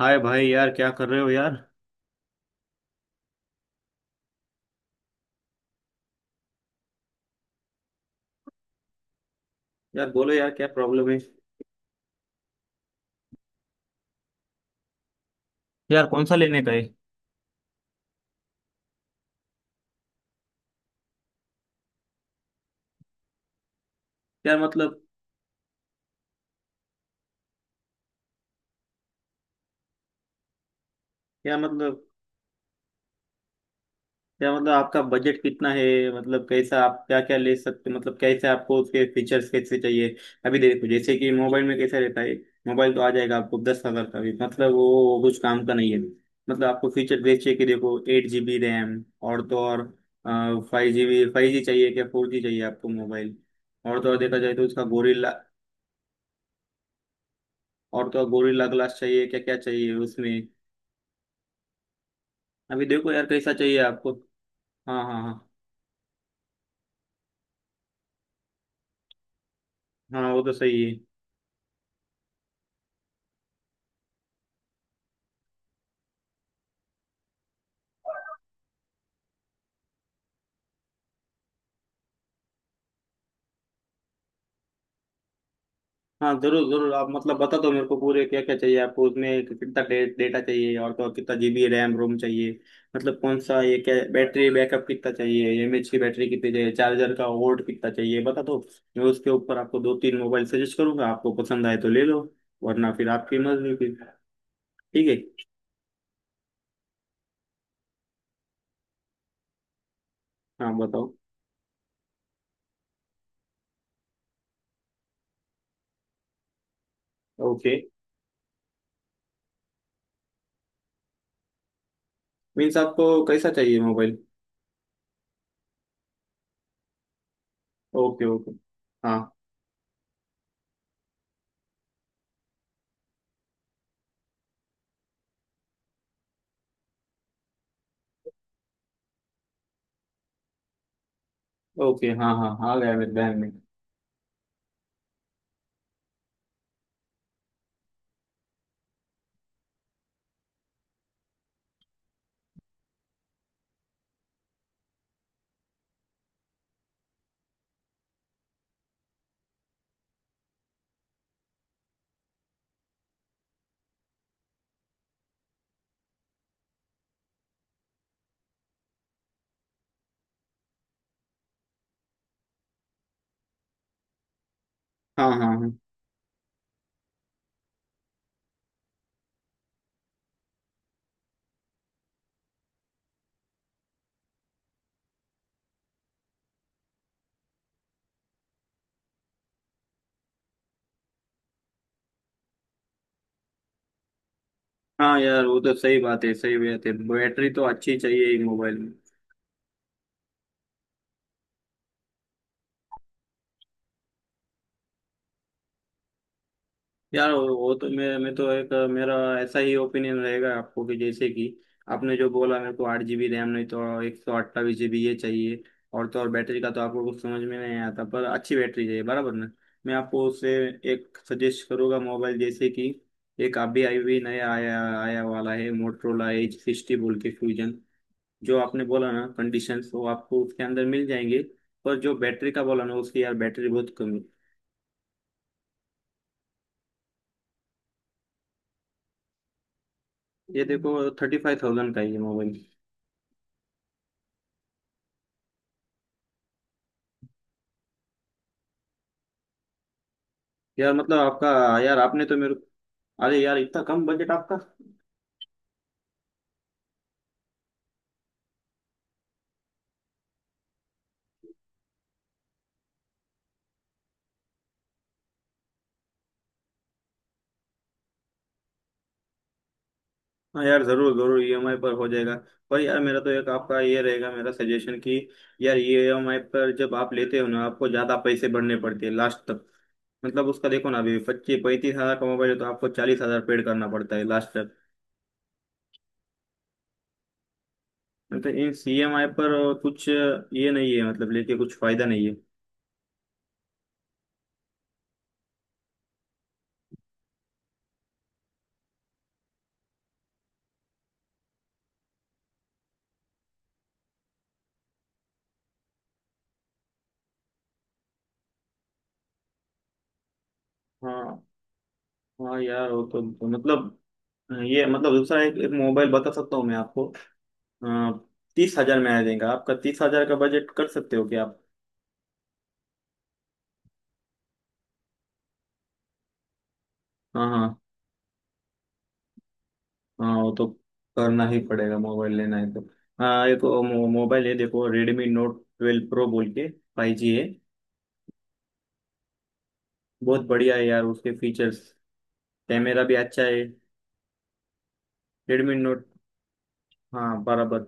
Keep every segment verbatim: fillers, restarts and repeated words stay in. हाय भाई यार, क्या कर रहे हो यार? यार बोलो यार, क्या प्रॉब्लम है? यार कौन सा लेने का है? क्या मतलब? क्या मतलब? क्या मतलब आपका बजट कितना है? मतलब कैसा आप क्या क्या ले सकते, मतलब कैसे आपको उसके फीचर्स कैसे चाहिए? अभी देखो, जैसे कि मोबाइल में कैसा रहता है। मोबाइल तो आ जाएगा आपको दस हजार का भी, मतलब वो कुछ काम का नहीं है। मतलब आपको फीचर देखिए कि देखो एट जी बी रैम, और तो और five G B, five G चाहिए क्या, फोर जी चाहिए आपको मोबाइल? और तो और देखा जाए तो उसका गोरिल्ला। और तो और गोरिल्ला ग्लास चाहिए, क्या क्या चाहिए उसमें? अभी देखो यार कैसा चाहिए आपको। हाँ हाँ हाँ। हाँ वो तो सही है। हाँ जरूर जरूर, आप मतलब बता दो मेरे को पूरे, क्या क्या चाहिए आपको उसमें, कितना डे, डेटा चाहिए, और तो और कितना जीबी रैम रोम चाहिए। मतलब कौन सा ये, क्या बैटरी बैकअप कितना चाहिए, एमएच की बैटरी कितनी चाहिए, चार्जर का वोल्ट कितना चाहिए, बता दो। मैं उसके ऊपर आपको दो तीन मोबाइल सजेस्ट करूंगा, आपको पसंद आए तो ले लो, वरना फिर आपकी मर्जी फिर। ठीक है? हाँ बताओ। ओके। मीन्स आपको कैसा चाहिए मोबाइल? Okay okay. हाँ। ओके। हाँ हाँ हाँ, गया मेरे ध्यान में। हाँ हाँ हाँ। हाँ यार वो तो सही बात है, सही बात है, बैटरी तो अच्छी चाहिए ही मोबाइल में। यार वो वो तो मैं मैं तो एक मेरा ऐसा ही ओपिनियन रहेगा आपको कि जैसे कि आपने जो बोला मेरे को, आठ जीबी रैम, नहीं तो एक सौ अट्ठाईस जीबी ये चाहिए, और तो और बैटरी का तो आपको कुछ समझ में नहीं आता पर अच्छी बैटरी चाहिए बराबर ना। मैं आपको उससे एक सजेस्ट करूँगा मोबाइल, जैसे कि एक अभी आई हुई, नया आया आया वाला है, मोटरोला एच सिक्सटी बोल के फ्यूजन। जो आपने बोला ना कंडीशंस वो आपको उसके अंदर मिल जाएंगे, पर जो बैटरी का बोला ना उसकी, यार बैटरी बहुत कम है। ये देखो, थर्टी फाइव थाउजेंड का है ये मोबाइल। यार मतलब आपका, यार आपने तो मेरे, अरे यार इतना कम बजट आपका। हाँ यार जरूर जरूर, ईएमआई पर हो जाएगा, पर यार मेरा तो एक आपका ये रहेगा मेरा सजेशन कि यार ईएमआई पर जब आप लेते हो ना आपको ज्यादा पैसे भरने पड़ते हैं लास्ट तक। मतलब उसका देखो ना, अभी पच्चीस पैंतीस हजार का मोबाइल है तो आपको चालीस हजार पेड करना पड़ता है लास्ट तक। मतलब इन सीएमआई पर कुछ ये नहीं है, मतलब लेके कुछ फायदा नहीं है। हाँ हाँ यार वो तो, मतलब ये मतलब दूसरा एक, एक मोबाइल बता सकता हूँ मैं आपको। तीस हजार में आ जाएगा, आपका तीस हजार का बजट कर सकते हो क्या आप? हाँ हाँ। हाँ वो तो करना ही पड़ेगा, मोबाइल लेना है तो। हाँ एक वो मो, मोबाइल है, देखो रेडमी नोट ट्वेल्व प्रो बोल के, फाइव जी है। बहुत बढ़िया है यार उसके फीचर्स, कैमरा भी अच्छा है। Redmi Note. हाँ बराबर।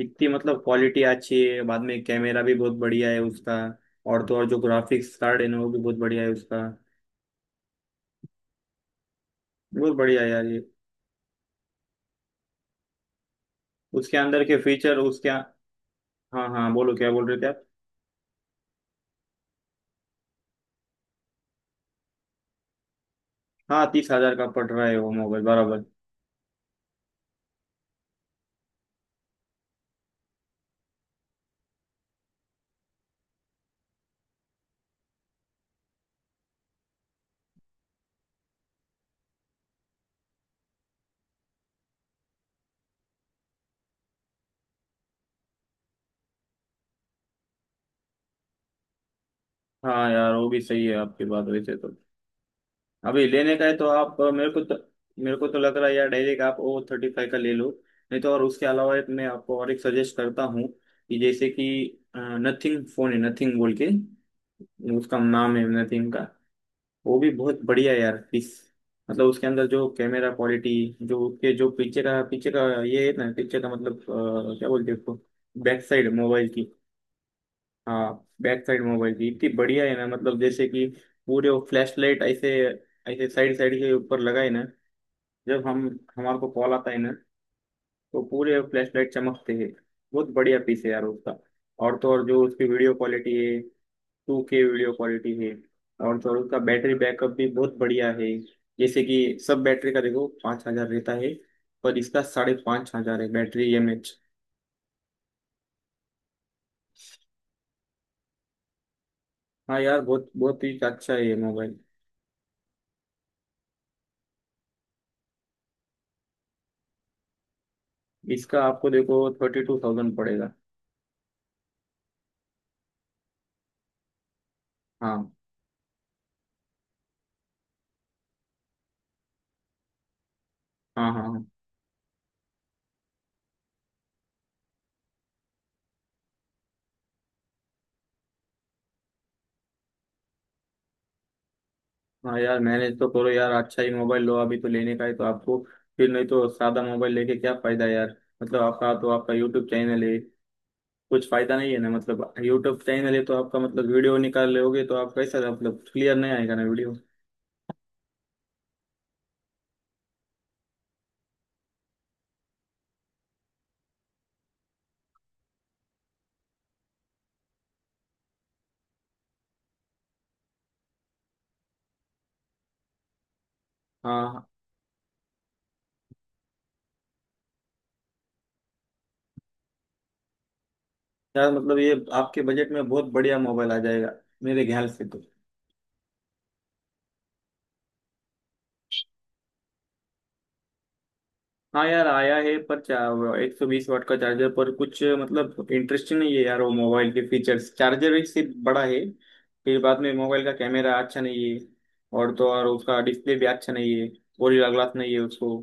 इतनी मतलब क्वालिटी अच्छी है, बाद में कैमरा भी बहुत बढ़िया है उसका। और तो और जो ग्राफिक्स कार्ड है ना वो भी बहुत बढ़िया है उसका। बहुत बढ़िया है यार ये। उसके अंदर के फीचर उसके। हाँ हाँ बोलो, क्या बोल रहे थे आप? हाँ तीस हजार का पड़ रहा है वो मोबाइल बराबर। हाँ यार वो भी सही है आपकी बात, वैसे तो अभी लेने का है तो आप मेरे को तो, मेरे को तो लग रहा है यार डायरेक्ट आप ओ थर्टी फाइव का ले लो, नहीं तो और उसके अलावा एक मैं आपको और एक सजेस्ट करता हूँ कि जैसे कि नथिंग फोन है, नथिंग बोल के, उसका नाम है नथिंग का। वो भी बहुत बढ़िया है यार पिस। मतलब उसके अंदर जो कैमरा क्वालिटी, जो उसके जो पीछे का पीछे का ये है ना पीछे का, मतलब अ, क्या बोलते हैं उसको, बैक साइड मोबाइल की। हाँ बैक साइड मोबाइल की इतनी बढ़िया है ना, मतलब जैसे कि पूरे वो फ्लैश लाइट ऐसे ऐसे साइड साइड के ऊपर लगाए ना, जब हम हमारे को कॉल आता है ना तो पूरे फ्लैश लाइट चमकते हैं। बहुत बढ़िया पीस है यार उसका। और तो और जो उसकी वीडियो क्वालिटी है, टू के वीडियो क्वालिटी है। और थोड़ा उसका बैटरी बैकअप भी बहुत बढ़िया है, जैसे कि सब बैटरी का देखो पाँच हजार रहता है, पर इसका साढ़े पाँच हजार है बैटरी एम एच। हाँ यार बहुत बहुत ही अच्छा है ये मोबाइल। इसका आपको देखो थर्टी टू थाउजेंड पड़ेगा। हाँ हाँ हाँ। हाँ हाँ यार मैनेज तो करो यार, अच्छा ही मोबाइल लो, अभी तो लेने का है तो आपको, फिर नहीं तो सादा मोबाइल लेके क्या फायदा यार? मतलब आपका तो आपका यूट्यूब चैनल है, कुछ फायदा नहीं है ना, मतलब यूट्यूब चैनल है तो आपका मतलब वीडियो निकाल लोगे तो आप कैसा मतलब क्लियर नहीं आएगा ना वीडियो। हाँ यार मतलब ये आपके बजट में बहुत बढ़िया मोबाइल आ जाएगा, मेरे ख्याल से तो। हाँ यार आया है पर एक सौ बीस वाट का चार्जर पर कुछ मतलब इंटरेस्टिंग नहीं है यार वो मोबाइल के फीचर्स, चार्जर ही सिर्फ बड़ा है, फिर बाद में मोबाइल का कैमरा अच्छा नहीं है, और तो और उसका डिस्प्ले भी अच्छा नहीं है, गोरिल्ला ग्लास नहीं है उसको।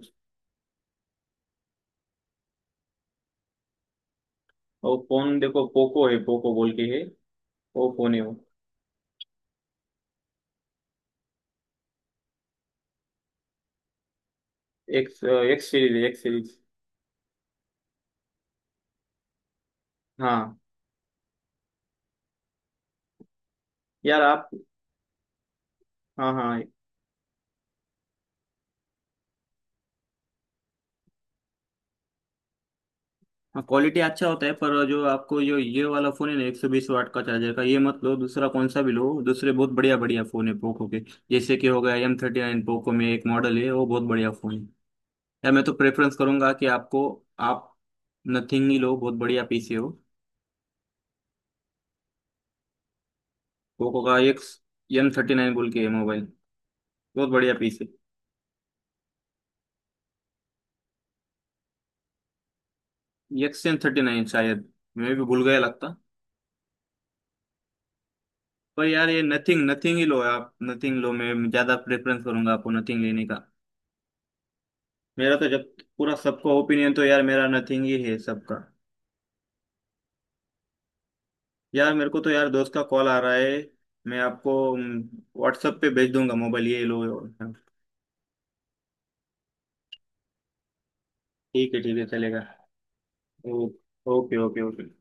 और फोन देखो पोको है, पोको बोल के है, वो फोन है वो। X X series, X series. हाँ। यार आप, हाँ हाँ हाँ, क्वालिटी अच्छा होता है, पर जो आपको जो ये वाला फोन है ना एक सौ बीस वाट का चार्जर का, ये मत लो, दूसरा कौन सा भी लो, दूसरे बहुत बढ़िया बढ़िया फोन है पोको के। जैसे कि हो गया एम थर्टी नाइन पोको में, एक मॉडल है वो, बहुत बढ़िया फोन है। यार मैं तो प्रेफरेंस करूंगा कि आपको, आप नथिंग ही लो, बहुत बढ़िया पीसी हो। पोको का एक, एम थर्टी नाइन बोल के मोबाइल, बहुत बढ़िया पीसी। एक्स एम थर्टी नाइन शायद, मैं भी भूल गया लगता। पर यार ये नथिंग, नथिंग ही लो, आप नथिंग लो, मैं ज्यादा प्रेफरेंस करूंगा आपको नथिंग लेने का। मेरा तो जब पूरा सबका ओपिनियन तो यार मेरा नथिंग ही है सबका। यार मेरे को तो यार दोस्त का कॉल आ रहा है, मैं आपको व्हाट्सएप पे भेज दूंगा मोबाइल ये लो। ठीक है, ठीक है, चलेगा। ओ- ओके ओके ओके।